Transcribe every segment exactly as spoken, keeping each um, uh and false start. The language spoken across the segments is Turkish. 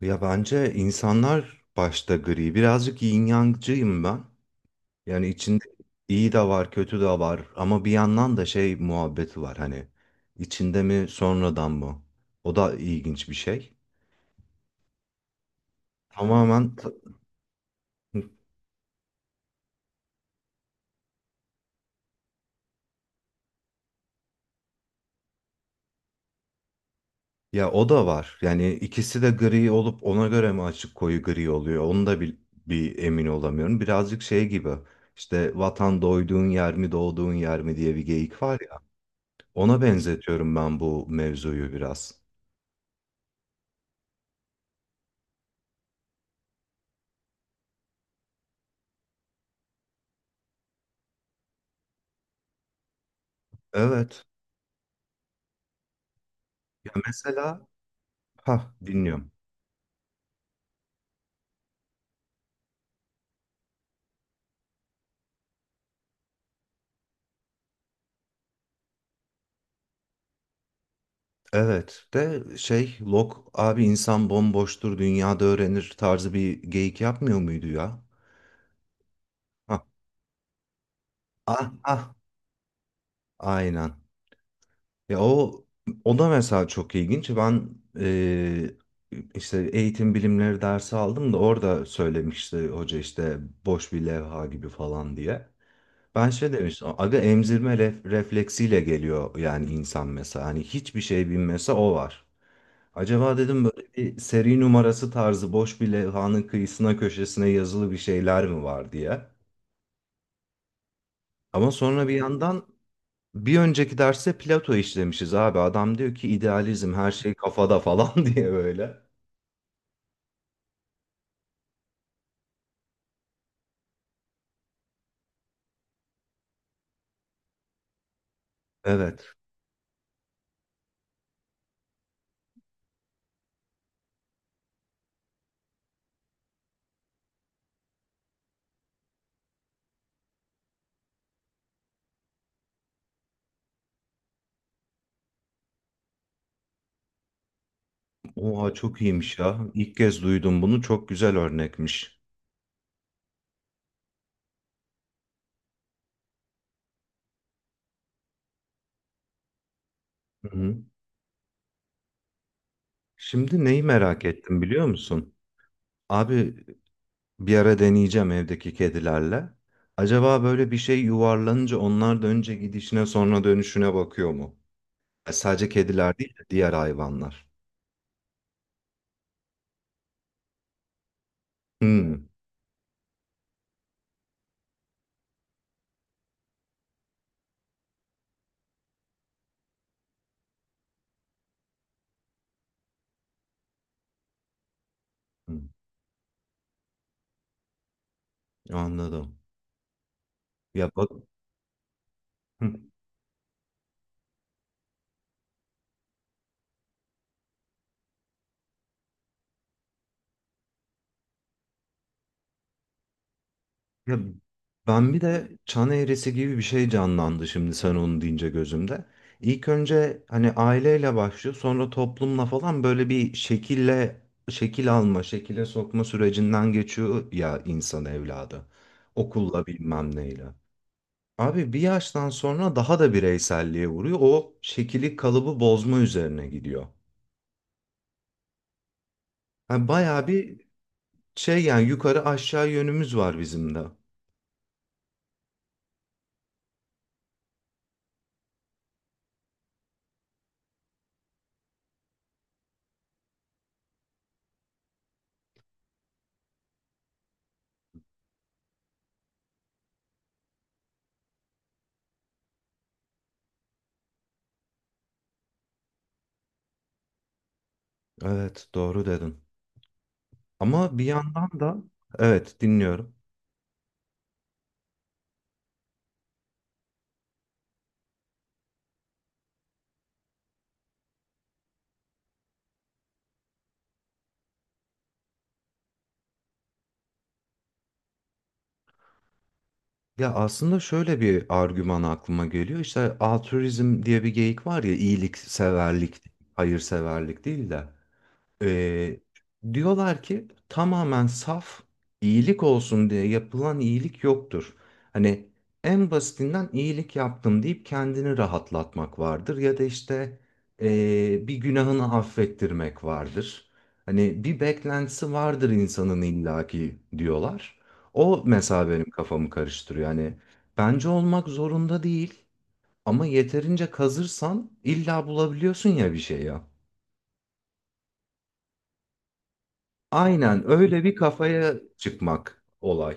Ya bence insanlar başta gri. Birazcık yin yangcıyım ben. Yani içinde iyi de var, kötü de var. Ama bir yandan da şey muhabbeti var hani. İçinde mi sonradan mı? O da ilginç bir şey. Tamamen t- ya o da var. Yani ikisi de gri olup ona göre mi açık koyu gri oluyor? Onu da bir, bir emin olamıyorum. Birazcık şey gibi. İşte vatan doyduğun yer mi doğduğun yer mi diye bir geyik var ya. Ona benzetiyorum ben bu mevzuyu biraz. Evet. Ya mesela ha dinliyorum. Evet de şey Locke abi insan bomboştur dünyada öğrenir tarzı bir geyik yapmıyor muydu ya? Ha ah ah aynen. Ya o o da mesela çok ilginç. Ben eee, işte eğitim bilimleri dersi aldım da orada söylemişti hoca işte boş bir levha gibi falan diye. Ben şey demiştim aga emzirme ref- refleksiyle geliyor yani insan mesela hani hiçbir şey bilmese o var. Acaba dedim böyle bir seri numarası tarzı boş bir levhanın kıyısına köşesine yazılı bir şeyler mi var diye. Ama sonra bir yandan bir önceki derste Plato işlemişiz abi. Adam diyor ki idealizm her şey kafada falan diye böyle. Evet. Oha çok iyiymiş ya. İlk kez duydum bunu. Çok güzel örnekmiş. Hı hı. Şimdi neyi merak ettim biliyor musun? Abi bir ara deneyeceğim evdeki kedilerle. Acaba böyle bir şey yuvarlanınca onlar da önce gidişine sonra dönüşüne bakıyor mu? E, sadece kediler değil de diğer hayvanlar. Hmm, hmm, anladım. Ya bak, hmm, ya ben bir de çan eğrisi gibi bir şey canlandı şimdi sen onu deyince gözümde. İlk önce hani aileyle başlıyor, sonra toplumla falan böyle bir şekille şekil alma, şekile sokma sürecinden geçiyor ya insan evladı. Okulla bilmem neyle. Abi bir yaştan sonra daha da bireyselliğe vuruyor. O şekili kalıbı bozma üzerine gidiyor. Yani bayağı bir şey yani yukarı aşağı yönümüz var bizim de. Evet doğru dedin. Ama bir yandan da evet dinliyorum. Ya aslında şöyle bir argüman aklıma geliyor. İşte altruizm diye bir geyik var ya iyilikseverlik, hayırseverlik değil de. Ee, Diyorlar ki tamamen saf iyilik olsun diye yapılan iyilik yoktur. Hani en basitinden iyilik yaptım deyip kendini rahatlatmak vardır ya da işte ee, bir günahını affettirmek vardır. Hani bir beklentisi vardır insanın illaki diyorlar. O mesela benim kafamı karıştırıyor. Yani bence olmak zorunda değil ama yeterince kazırsan illa bulabiliyorsun ya bir şey ya. Aynen öyle bir kafaya çıkmak olay.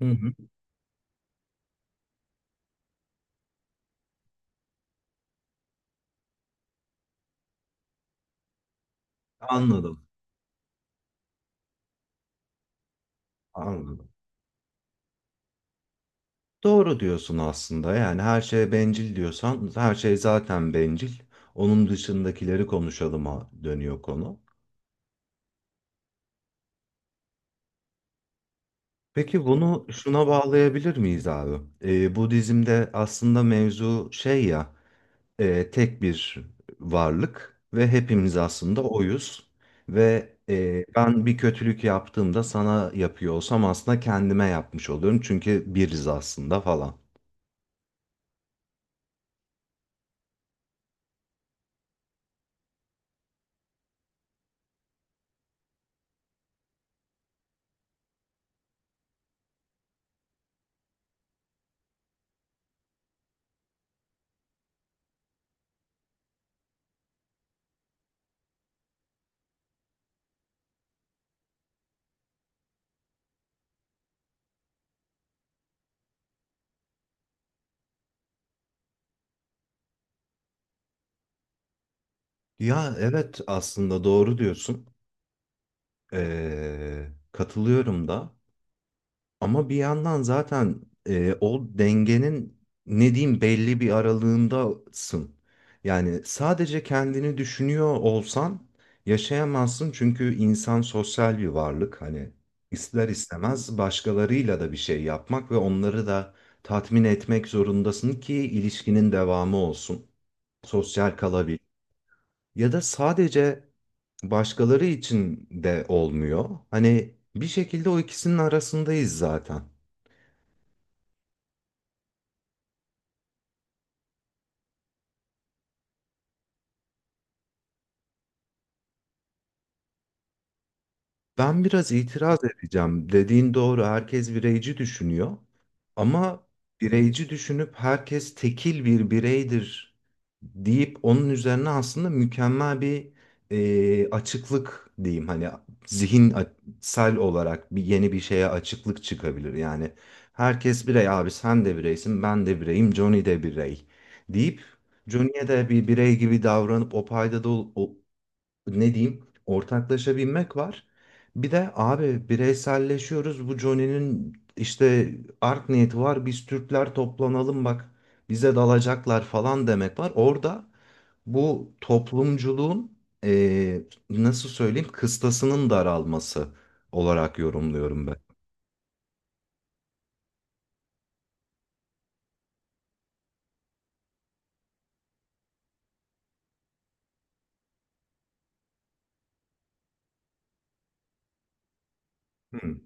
Hı hı. Anladım, anladım. Doğru diyorsun aslında. Yani her şeye bencil diyorsan her şey zaten bencil. Onun dışındakileri konuşalıma dönüyor konu. Peki bunu şuna bağlayabilir miyiz abi? Ee, Budizm'de aslında mevzu şey ya e, tek bir varlık ve hepimiz aslında oyuz. Ve e, ben bir kötülük yaptığımda sana yapıyor olsam aslında kendime yapmış oluyorum. Çünkü biriz aslında falan. Ya evet aslında doğru diyorsun. E, katılıyorum da. Ama bir yandan zaten e, o dengenin ne diyeyim belli bir aralığındasın. Yani sadece kendini düşünüyor olsan yaşayamazsın çünkü insan sosyal bir varlık. Hani ister istemez başkalarıyla da bir şey yapmak ve onları da tatmin etmek zorundasın ki ilişkinin devamı olsun. Sosyal kalabil. Ya da sadece başkaları için de olmuyor. Hani bir şekilde o ikisinin arasındayız zaten. Ben biraz itiraz edeceğim. Dediğin doğru. Herkes bireyci düşünüyor. Ama bireyci düşünüp herkes tekil bir bireydir deyip onun üzerine aslında mükemmel bir e, açıklık diyeyim. Hani zihinsel olarak bir yeni bir şeye açıklık çıkabilir. Yani herkes birey abi sen de bireysin ben de bireyim Johnny de birey deyip Johnny'e de bir birey gibi davranıp o paydada ol- o- ne diyeyim ortaklaşa binmek var. Bir de abi bireyselleşiyoruz. Bu Johnny'nin işte art niyeti var. Biz Türkler toplanalım bak bize dalacaklar falan demek var. Orada bu toplumculuğun eee, nasıl söyleyeyim kıstasının daralması olarak yorumluyorum ben. Hı,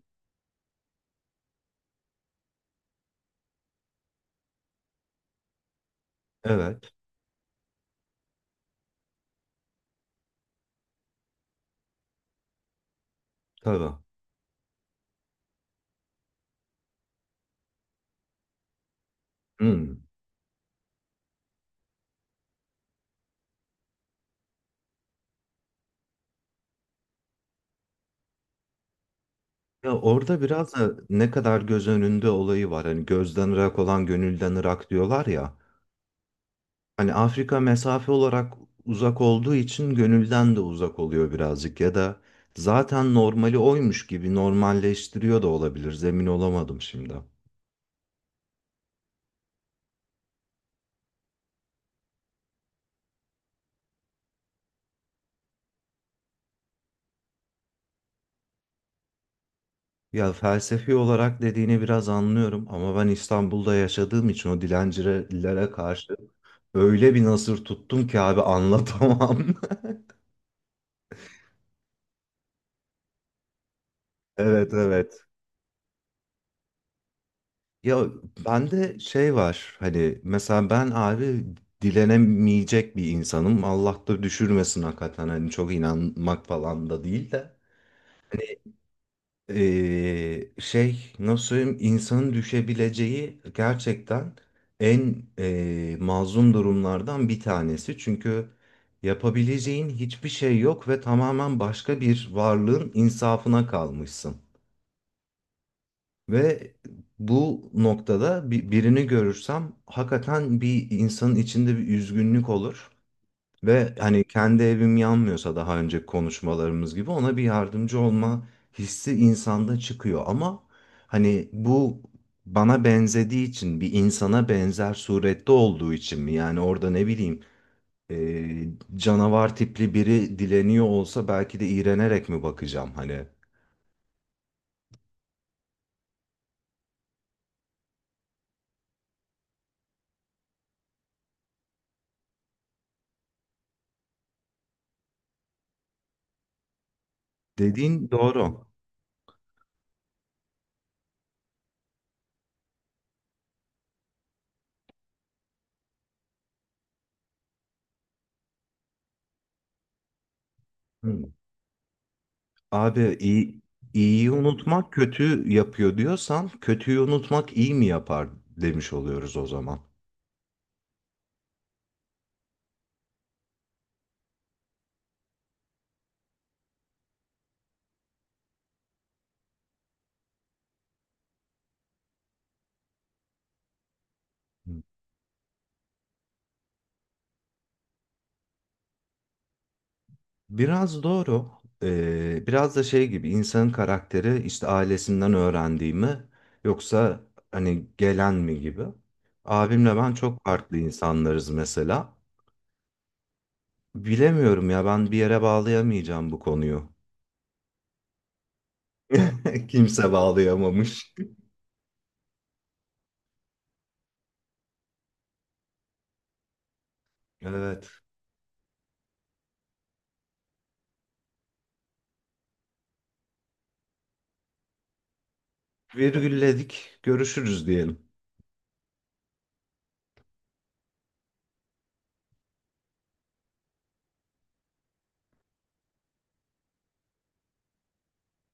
evet tabii. Hı. Ya orada biraz da ne kadar göz önünde olayı var. Hani gözden ırak olan gönülden ırak diyorlar ya. Hani Afrika mesafe olarak uzak olduğu için gönülden de uzak oluyor birazcık ya da zaten normali oymuş gibi normalleştiriyor da olabilir. Zemin olamadım şimdi. Ya felsefi olarak dediğini biraz anlıyorum ama ben İstanbul'da yaşadığım için o dilencilere karşı öyle bir nasır tuttum ki abi anlatamam. Evet evet. Ya bende şey var hani mesela ben abi dilenemeyecek bir insanım. Allah da düşürmesin hakikaten hani çok inanmak falan da değil de. Ee, şey nasıl söyleyeyim insanın düşebileceği gerçekten en ee, mazlum durumlardan bir tanesi. Çünkü yapabileceğin hiçbir şey yok ve tamamen başka bir varlığın insafına kalmışsın. Ve bu noktada bi- birini görürsem hakikaten bir insanın içinde bir üzgünlük olur. Ve hani kendi evim yanmıyorsa daha önce konuşmalarımız gibi ona bir yardımcı olma hissi insanda çıkıyor. Ama hani bu bana benzediği için bir insana benzer surette olduğu için mi? Yani orada ne bileyim e, canavar tipli biri dileniyor olsa belki de iğrenerek mi bakacağım hani? Dediğin doğru. Hı. Abi iyi, iyiyi unutmak kötü yapıyor diyorsan kötüyü unutmak iyi mi yapar demiş oluyoruz o zaman. Hı. Biraz doğru. Ee, biraz da şey gibi insanın karakteri işte ailesinden öğrendiği mi yoksa hani gelen mi gibi. Abimle ben çok farklı insanlarız mesela. Bilemiyorum ya ben bir yere bağlayamayacağım bu konuyu. Kimse bağlayamamış. Evet. Virgülledik. Görüşürüz diyelim.